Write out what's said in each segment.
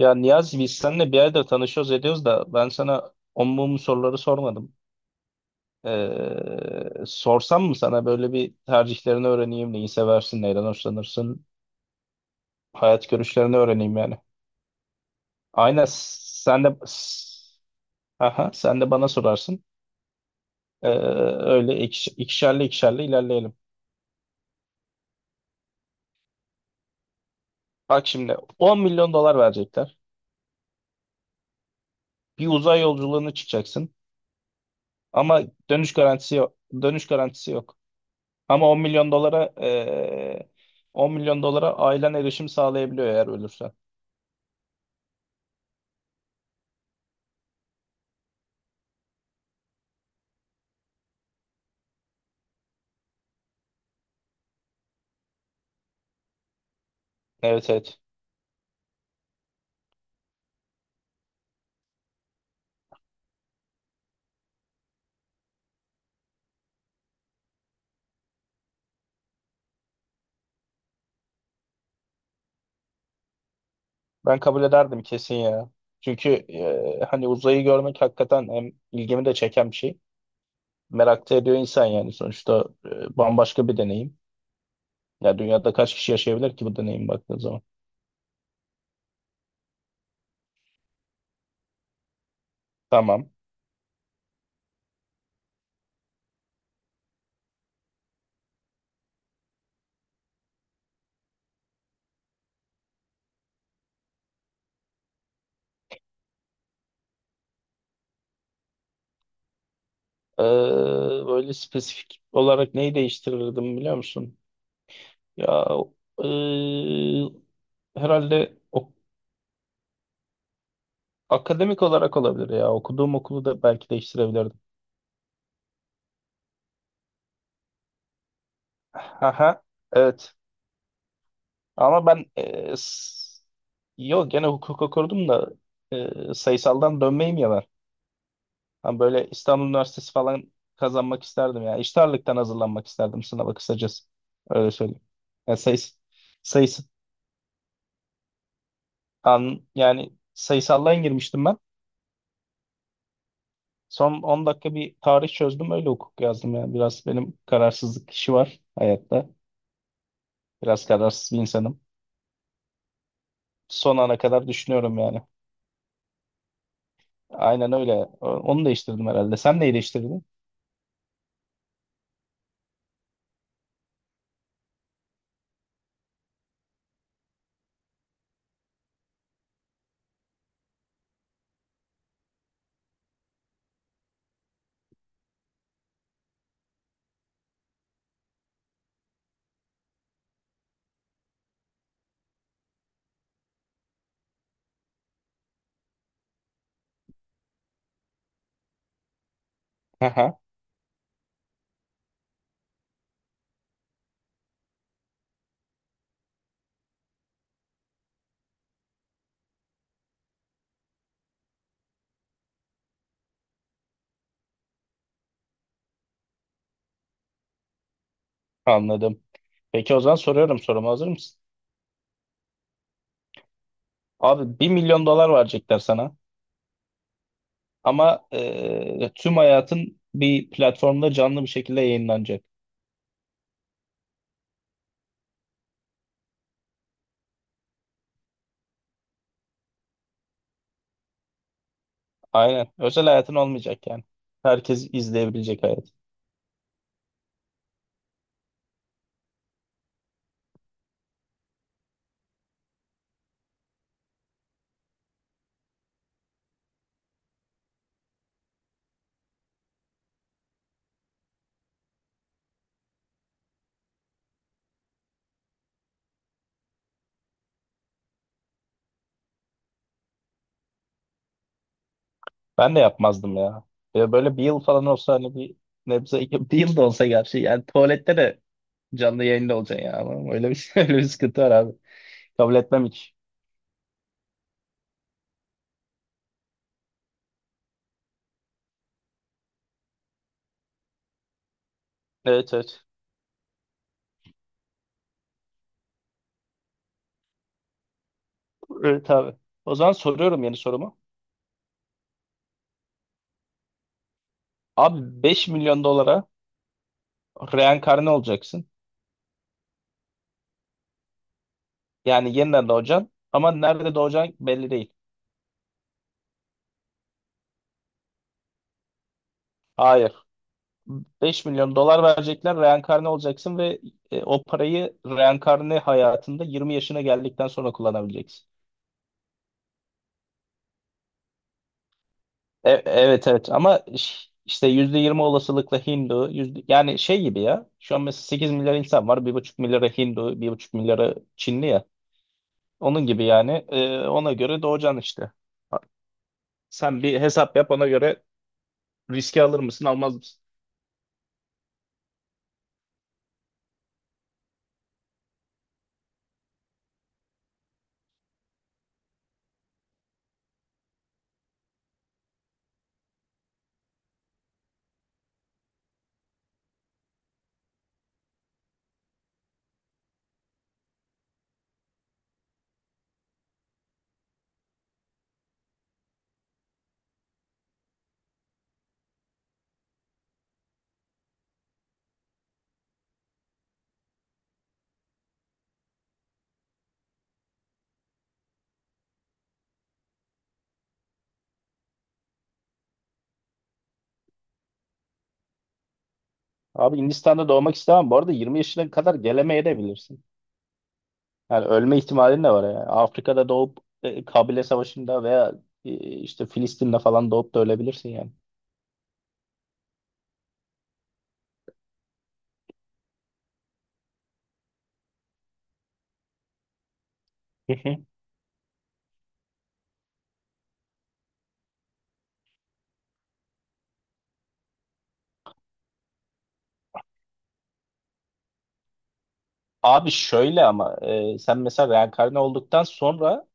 Ya Niyazi biz seninle bir aydır tanışıyoruz ediyoruz da ben sana on mum soruları sormadım. Sorsam mı sana böyle bir tercihlerini öğreneyim, neyi seversin, neyden hoşlanırsın, hayat görüşlerini öğreneyim yani. Aynen sen de bana sorarsın. Ee, Öyle ikişerli ikişerli ilerleyelim. Bak şimdi 10 milyon dolar verecekler. Bir uzay yolculuğuna çıkacaksın ama dönüş garantisi yok. Dönüş garantisi yok. Ama 10 milyon dolara ailen erişim sağlayabiliyor eğer ölürsen. Evet, evet. Ben kabul ederdim kesin ya. Çünkü hani uzayı görmek hakikaten hem ilgimi de çeken bir şey. Merak da ediyor insan yani sonuçta bambaşka bir deneyim. Ya dünyada kaç kişi yaşayabilir ki bu deneyim baktığın zaman? Tamam. Eee, Böyle spesifik olarak neyi değiştirirdim biliyor musun? Ya eee, herhalde o akademik olarak olabilir ya. Okuduğum okulu da belki değiştirebilirdim. Aha, evet. Ama ben yok gene hukuk okurdum da sayısaldan dönmeyeyim ya ben. Ben böyle İstanbul Üniversitesi falan kazanmak isterdim ya. İşte ağırlıktan hazırlanmak isterdim sınava kısacası. Öyle söyleyeyim. Yani sayıs sayısı an yani sayısaldan girmiştim ben. Son 10 dakika bir tarih çözdüm öyle hukuk yazdım ya. Biraz benim kararsızlık işi var hayatta. Biraz kararsız bir insanım. Son ana kadar düşünüyorum yani. Aynen öyle. Onu değiştirdim herhalde. Sen neyi değiştirdin? Aha, anladım. Peki o zaman soruyorum sorumu. Hazır mısın? Abi 1 milyon dolar verecekler sana. Ama tüm hayatın bir platformda canlı bir şekilde yayınlanacak. Aynen. Özel hayatın olmayacak yani. Herkes izleyebilecek hayat. Ben de yapmazdım ya. Ya böyle bir yıl falan olsa hani bir nebze bir yıl da olsa gerçi yani tuvalette de canlı yayında olacaksın ya. Ama öyle bir sıkıntı var abi. Kabul etmem hiç. Evet, evet. Evet abi. O zaman soruyorum yeni sorumu. Abi 5 milyon dolara reenkarne olacaksın. Yani yeniden doğacaksın ama nerede doğacaksın belli değil. Hayır. 5 milyon dolar verecekler, reenkarne olacaksın ve o parayı reenkarne hayatında 20 yaşına geldikten sonra kullanabileceksin. Evet, evet ama işte %20 olasılıkla Hindu, yüzde, yani şey gibi ya. Şu an mesela 8 milyar insan var. 1,5 milyarı Hindu, 1,5 milyarı Çinli ya. Onun gibi yani ona göre doğacaksın işte. Sen bir hesap yap, ona göre riski alır mısın, almaz mısın? Abi Hindistan'da doğmak istemem. Bu arada 20 yaşına kadar gelemeyebilirsin. Yani ölme ihtimalin de var yani. Afrika'da doğup Kabile Savaşı'nda veya e, işte Filistin'de falan doğup da ölebilirsin yani. Hı hı. Abi şöyle ama sen mesela reenkarne olduktan sonra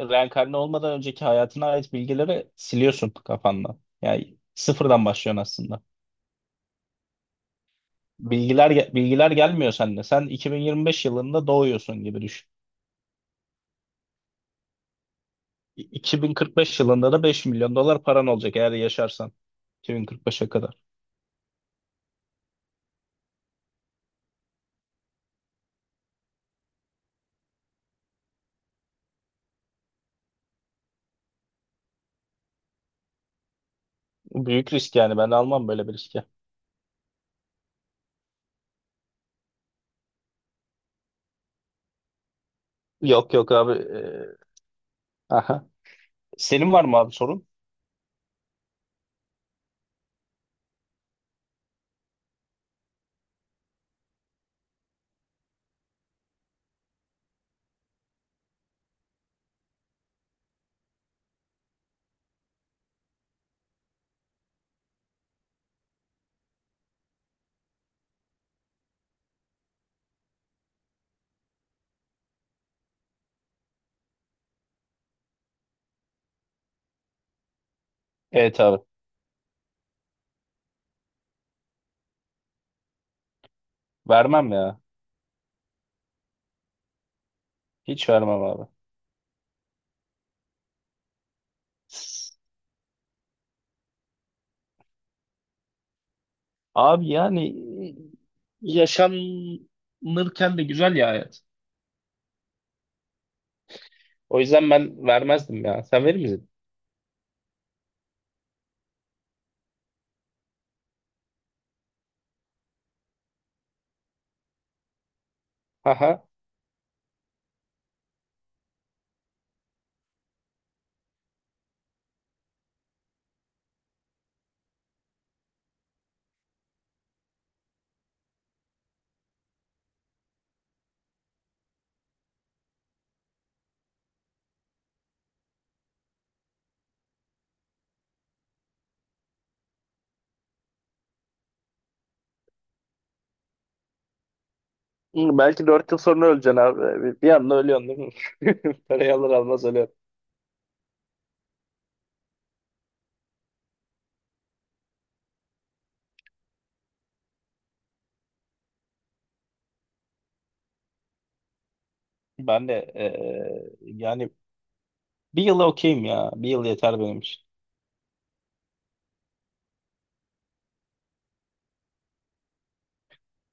reenkarne olmadan önceki hayatına ait bilgileri siliyorsun kafandan. Yani sıfırdan başlıyorsun aslında. Bilgiler gelmiyor sende. Sen 2025 yılında doğuyorsun gibi düşün. 2045 yılında da 5 milyon dolar paran olacak eğer yaşarsan 2045'e kadar. Büyük risk yani ben almam böyle bir riski. Yok yok abi. Aha. Senin var mı abi sorun? Evet abi. Vermem ya. Hiç vermem abi. S- Abi yani yaşanırken de güzel ya hayat. O yüzden ben vermezdim ya. Sen verir misin? Aha. Hı, belki 4 yıl sonra öleceksin abi. Bir, bir anda ölüyorsun değil mi? Parayı alır almaz ölüyorsun. Ben de yani bir yıla okeyim ya. Bir yıl yeter benim için.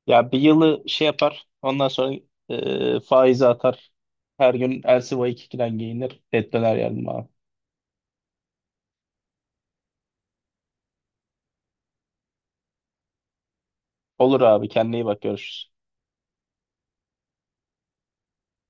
Ya bir yılı şey yapar. Ondan sonra faizi atar. Her gün Elsi 2'den giyinir. Et döner yerim abi. Olur abi, kendine iyi bak, görüşürüz.